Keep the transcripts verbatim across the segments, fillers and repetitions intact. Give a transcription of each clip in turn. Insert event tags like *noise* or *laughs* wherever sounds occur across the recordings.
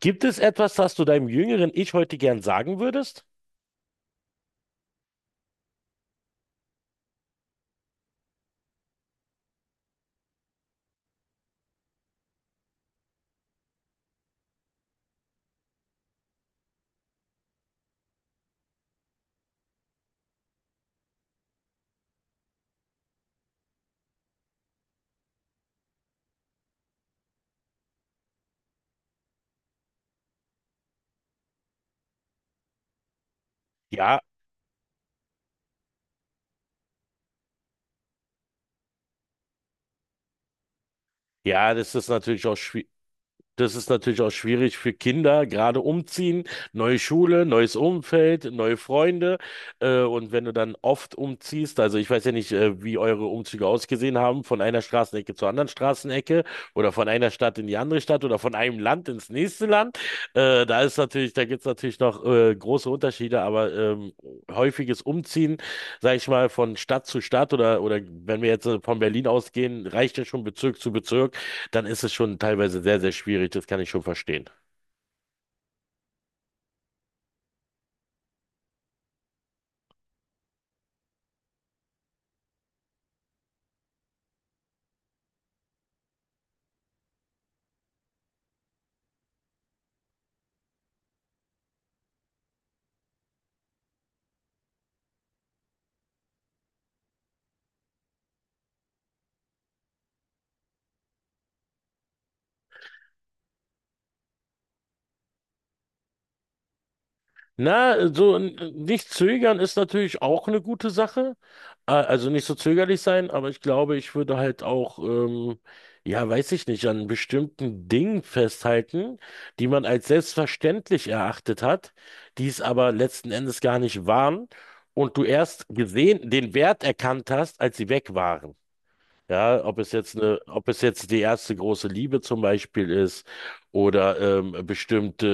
Gibt es etwas, das du deinem jüngeren Ich heute gern sagen würdest? Ja, ja, das ist natürlich auch schwi- das ist natürlich auch schwierig für Kinder, gerade umziehen, neue Schule, neues Umfeld, neue Freunde. Äh, und wenn du dann oft umziehst, also ich weiß ja nicht, äh, wie eure Umzüge ausgesehen haben, von einer Straßenecke zur anderen Straßenecke oder von einer Stadt in die andere Stadt oder von einem Land ins nächste Land. Äh, da ist natürlich, da gibt's natürlich noch äh, große Unterschiede, aber ähm, häufiges Umziehen, sag ich mal, von Stadt zu Stadt oder, oder wenn wir jetzt äh, von Berlin ausgehen, reicht ja schon Bezirk zu Bezirk, dann ist es schon teilweise sehr, sehr schwierig. Das kann ich schon verstehen. Na, so n- nicht zögern ist natürlich auch eine gute Sache. Äh, Also nicht so zögerlich sein, aber ich glaube, ich würde halt auch, ähm, ja, weiß ich nicht, an bestimmten Dingen festhalten, die man als selbstverständlich erachtet hat, die es aber letzten Endes gar nicht waren und du erst gesehen, den Wert erkannt hast, als sie weg waren. Ja, ob es jetzt eine, ob es jetzt die erste große Liebe zum Beispiel ist oder ähm, bestimmte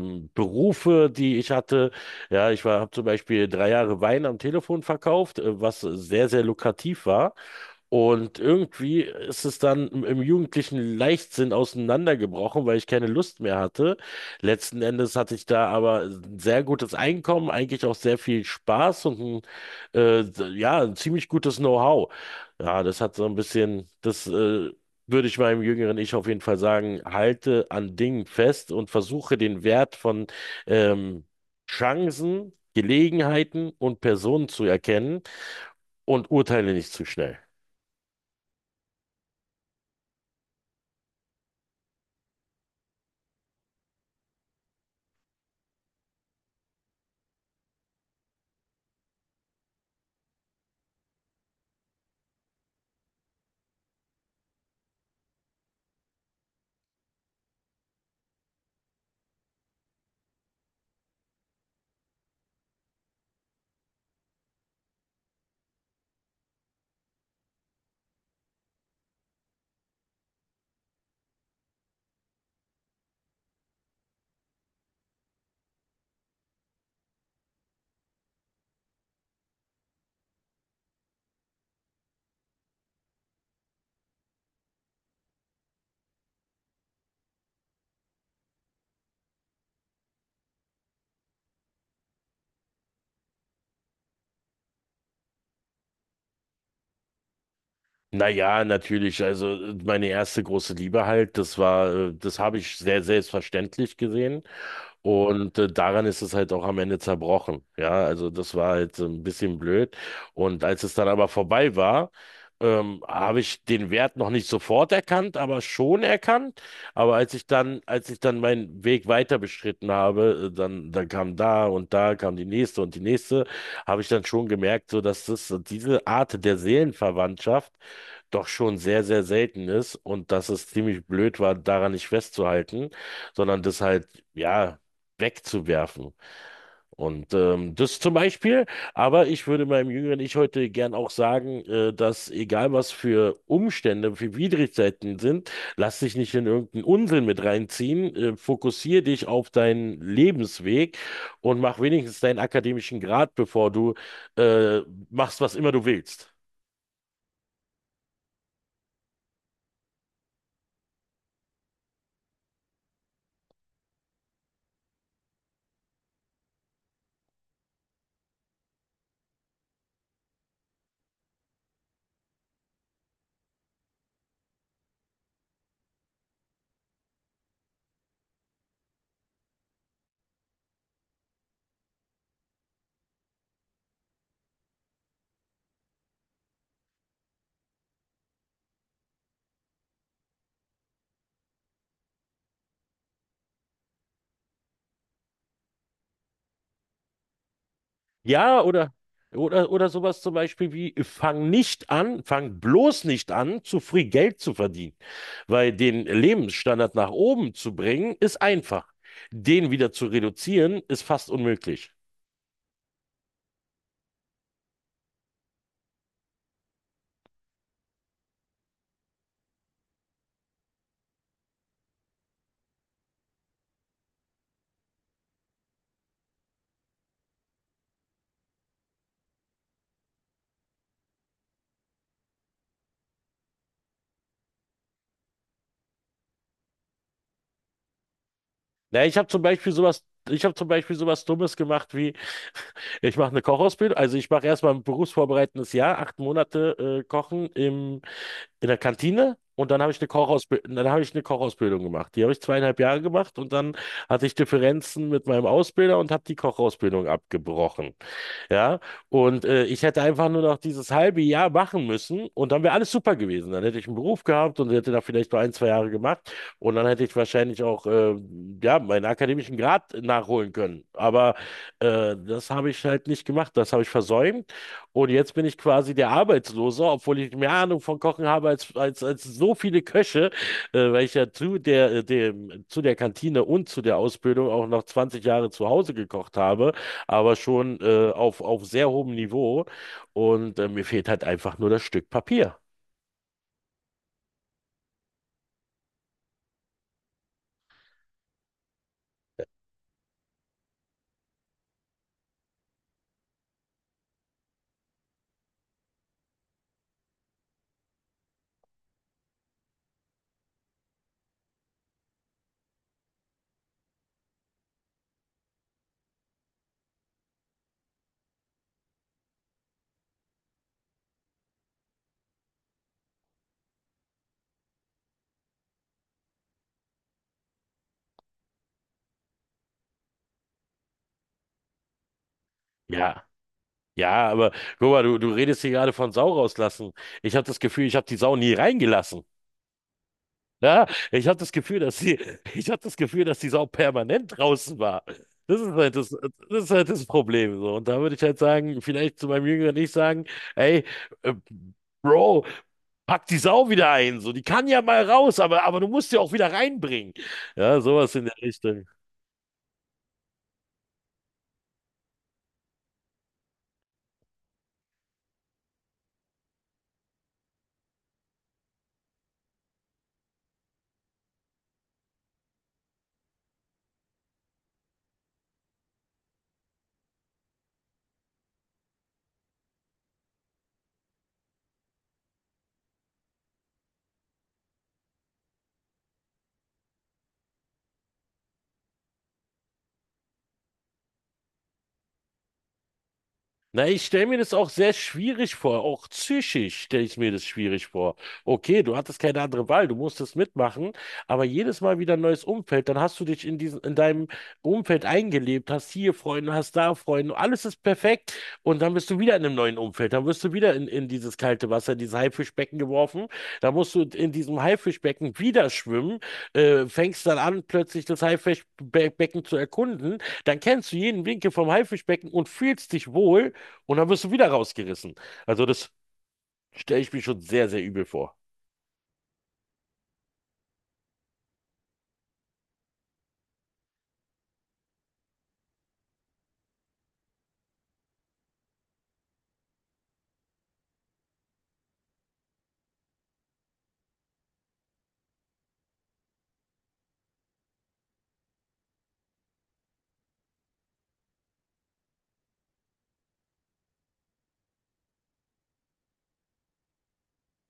ähm, Berufe, die ich hatte. Ja, ich war, habe zum Beispiel drei Jahre Wein am Telefon verkauft, äh, was sehr, sehr lukrativ war. Und irgendwie ist es dann im im jugendlichen Leichtsinn auseinandergebrochen, weil ich keine Lust mehr hatte. Letzten Endes hatte ich da aber ein sehr gutes Einkommen, eigentlich auch sehr viel Spaß und ein, äh, ja, ein ziemlich gutes Know-how. Ja, das hat so ein bisschen, das, äh, würde ich meinem jüngeren Ich auf jeden Fall sagen, halte an Dingen fest und versuche den Wert von, ähm, Chancen, Gelegenheiten und Personen zu erkennen und urteile nicht zu schnell. Naja, natürlich. Also meine erste große Liebe halt, das war, äh, das habe ich sehr selbstverständlich gesehen. Und äh, daran ist es halt auch am Ende zerbrochen. Ja, also das war halt so ein bisschen blöd. Und als es dann aber vorbei war, ähm, habe ich den Wert noch nicht sofort erkannt, aber schon erkannt. Aber als ich dann, als ich dann meinen Weg weiter beschritten habe, äh, dann, dann kam da und da kam die nächste und die nächste, habe ich dann schon gemerkt, so dass das, diese Art der Seelenverwandtschaft doch schon sehr, sehr selten ist und dass es ziemlich blöd war, daran nicht festzuhalten, sondern das halt, ja, wegzuwerfen. Und ähm, das zum Beispiel, aber ich würde meinem jüngeren Ich heute gern auch sagen, äh, dass egal was für Umstände, für Widrigkeiten sind, lass dich nicht in irgendeinen Unsinn mit reinziehen, äh, fokussiere dich auf deinen Lebensweg und mach wenigstens deinen akademischen Grad, bevor du äh, machst, was immer du willst. Ja, oder, oder, oder sowas zum Beispiel wie, fang nicht an, fang bloß nicht an, zu früh Geld zu verdienen. Weil den Lebensstandard nach oben zu bringen, ist einfach. Den wieder zu reduzieren, ist fast unmöglich. Na, ich habe zum Beispiel sowas, ich habe zum Beispiel sowas Dummes gemacht wie, ich mache eine Kochausbildung, also ich mache erstmal ein berufsvorbereitendes Jahr, acht Monate äh, Kochen im in der Kantine und dann habe ich eine Kochausbildung, dann habe ich eine Kochausbildung gemacht. Die habe ich zweieinhalb Jahre gemacht und dann hatte ich Differenzen mit meinem Ausbilder und habe die Kochausbildung abgebrochen. Ja, und äh, ich hätte einfach nur noch dieses halbe Jahr machen müssen und dann wäre alles super gewesen. Dann hätte ich einen Beruf gehabt und hätte da vielleicht nur ein, zwei Jahre gemacht und dann hätte ich wahrscheinlich auch äh, ja, meinen akademischen Grad nachholen können. Aber äh, das habe ich halt nicht gemacht, das habe ich versäumt und jetzt bin ich quasi der Arbeitslose, obwohl ich mehr Ahnung von Kochen habe als, als, als so viele Köche, äh, weil ich ja zu der, äh, dem, zu der Kantine und zu der Ausbildung auch noch zwanzig Jahre zu Hause gekocht habe, aber schon äh, auf, auf sehr hohem Niveau. Und äh, mir fehlt halt einfach nur das Stück Papier. Ja. Ja, aber guck mal, du, du redest hier gerade von Sau rauslassen. Ich habe das Gefühl, ich habe die Sau nie reingelassen. Ja, ich habe das Gefühl, dass sie, *laughs* ich habe das Gefühl, dass die Sau permanent draußen war. Das ist halt das, das ist halt das Problem so. Und da würde ich halt sagen, vielleicht zu meinem Jüngeren nicht sagen, ey, äh, Bro, pack die Sau wieder ein. So, die kann ja mal raus, aber, aber du musst sie auch wieder reinbringen. Ja, sowas in der Richtung. Na, ich stelle mir das auch sehr schwierig vor. Auch psychisch stelle ich mir das schwierig vor. Okay, du hattest keine andere Wahl, du musstest mitmachen, aber jedes Mal wieder ein neues Umfeld, dann hast du dich in diesem, in deinem Umfeld eingelebt, hast hier Freunde, hast da Freunde, alles ist perfekt und dann bist du wieder in einem neuen Umfeld, dann wirst du wieder in, in dieses kalte Wasser, in dieses Haifischbecken geworfen, da musst du in diesem Haifischbecken wieder schwimmen, äh, fängst dann an, plötzlich das Haifischbecken zu erkunden, dann kennst du jeden Winkel vom Haifischbecken und fühlst dich wohl. Und dann wirst du wieder rausgerissen. Also das stelle ich mir schon sehr, sehr übel vor.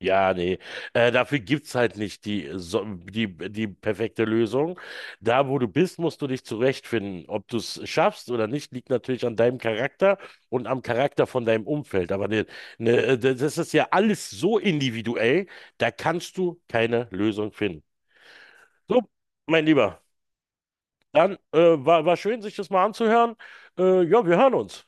Ja, nee. Äh, dafür gibt's halt nicht die, so- die, die perfekte Lösung. Da, wo du bist, musst du dich zurechtfinden. Ob du es schaffst oder nicht, liegt natürlich an deinem Charakter und am Charakter von deinem Umfeld. Aber ne, ne, äh, das ist ja alles so individuell, da kannst du keine Lösung finden. So, mein Lieber, dann äh, war, war schön, sich das mal anzuhören. Äh, ja, wir hören uns.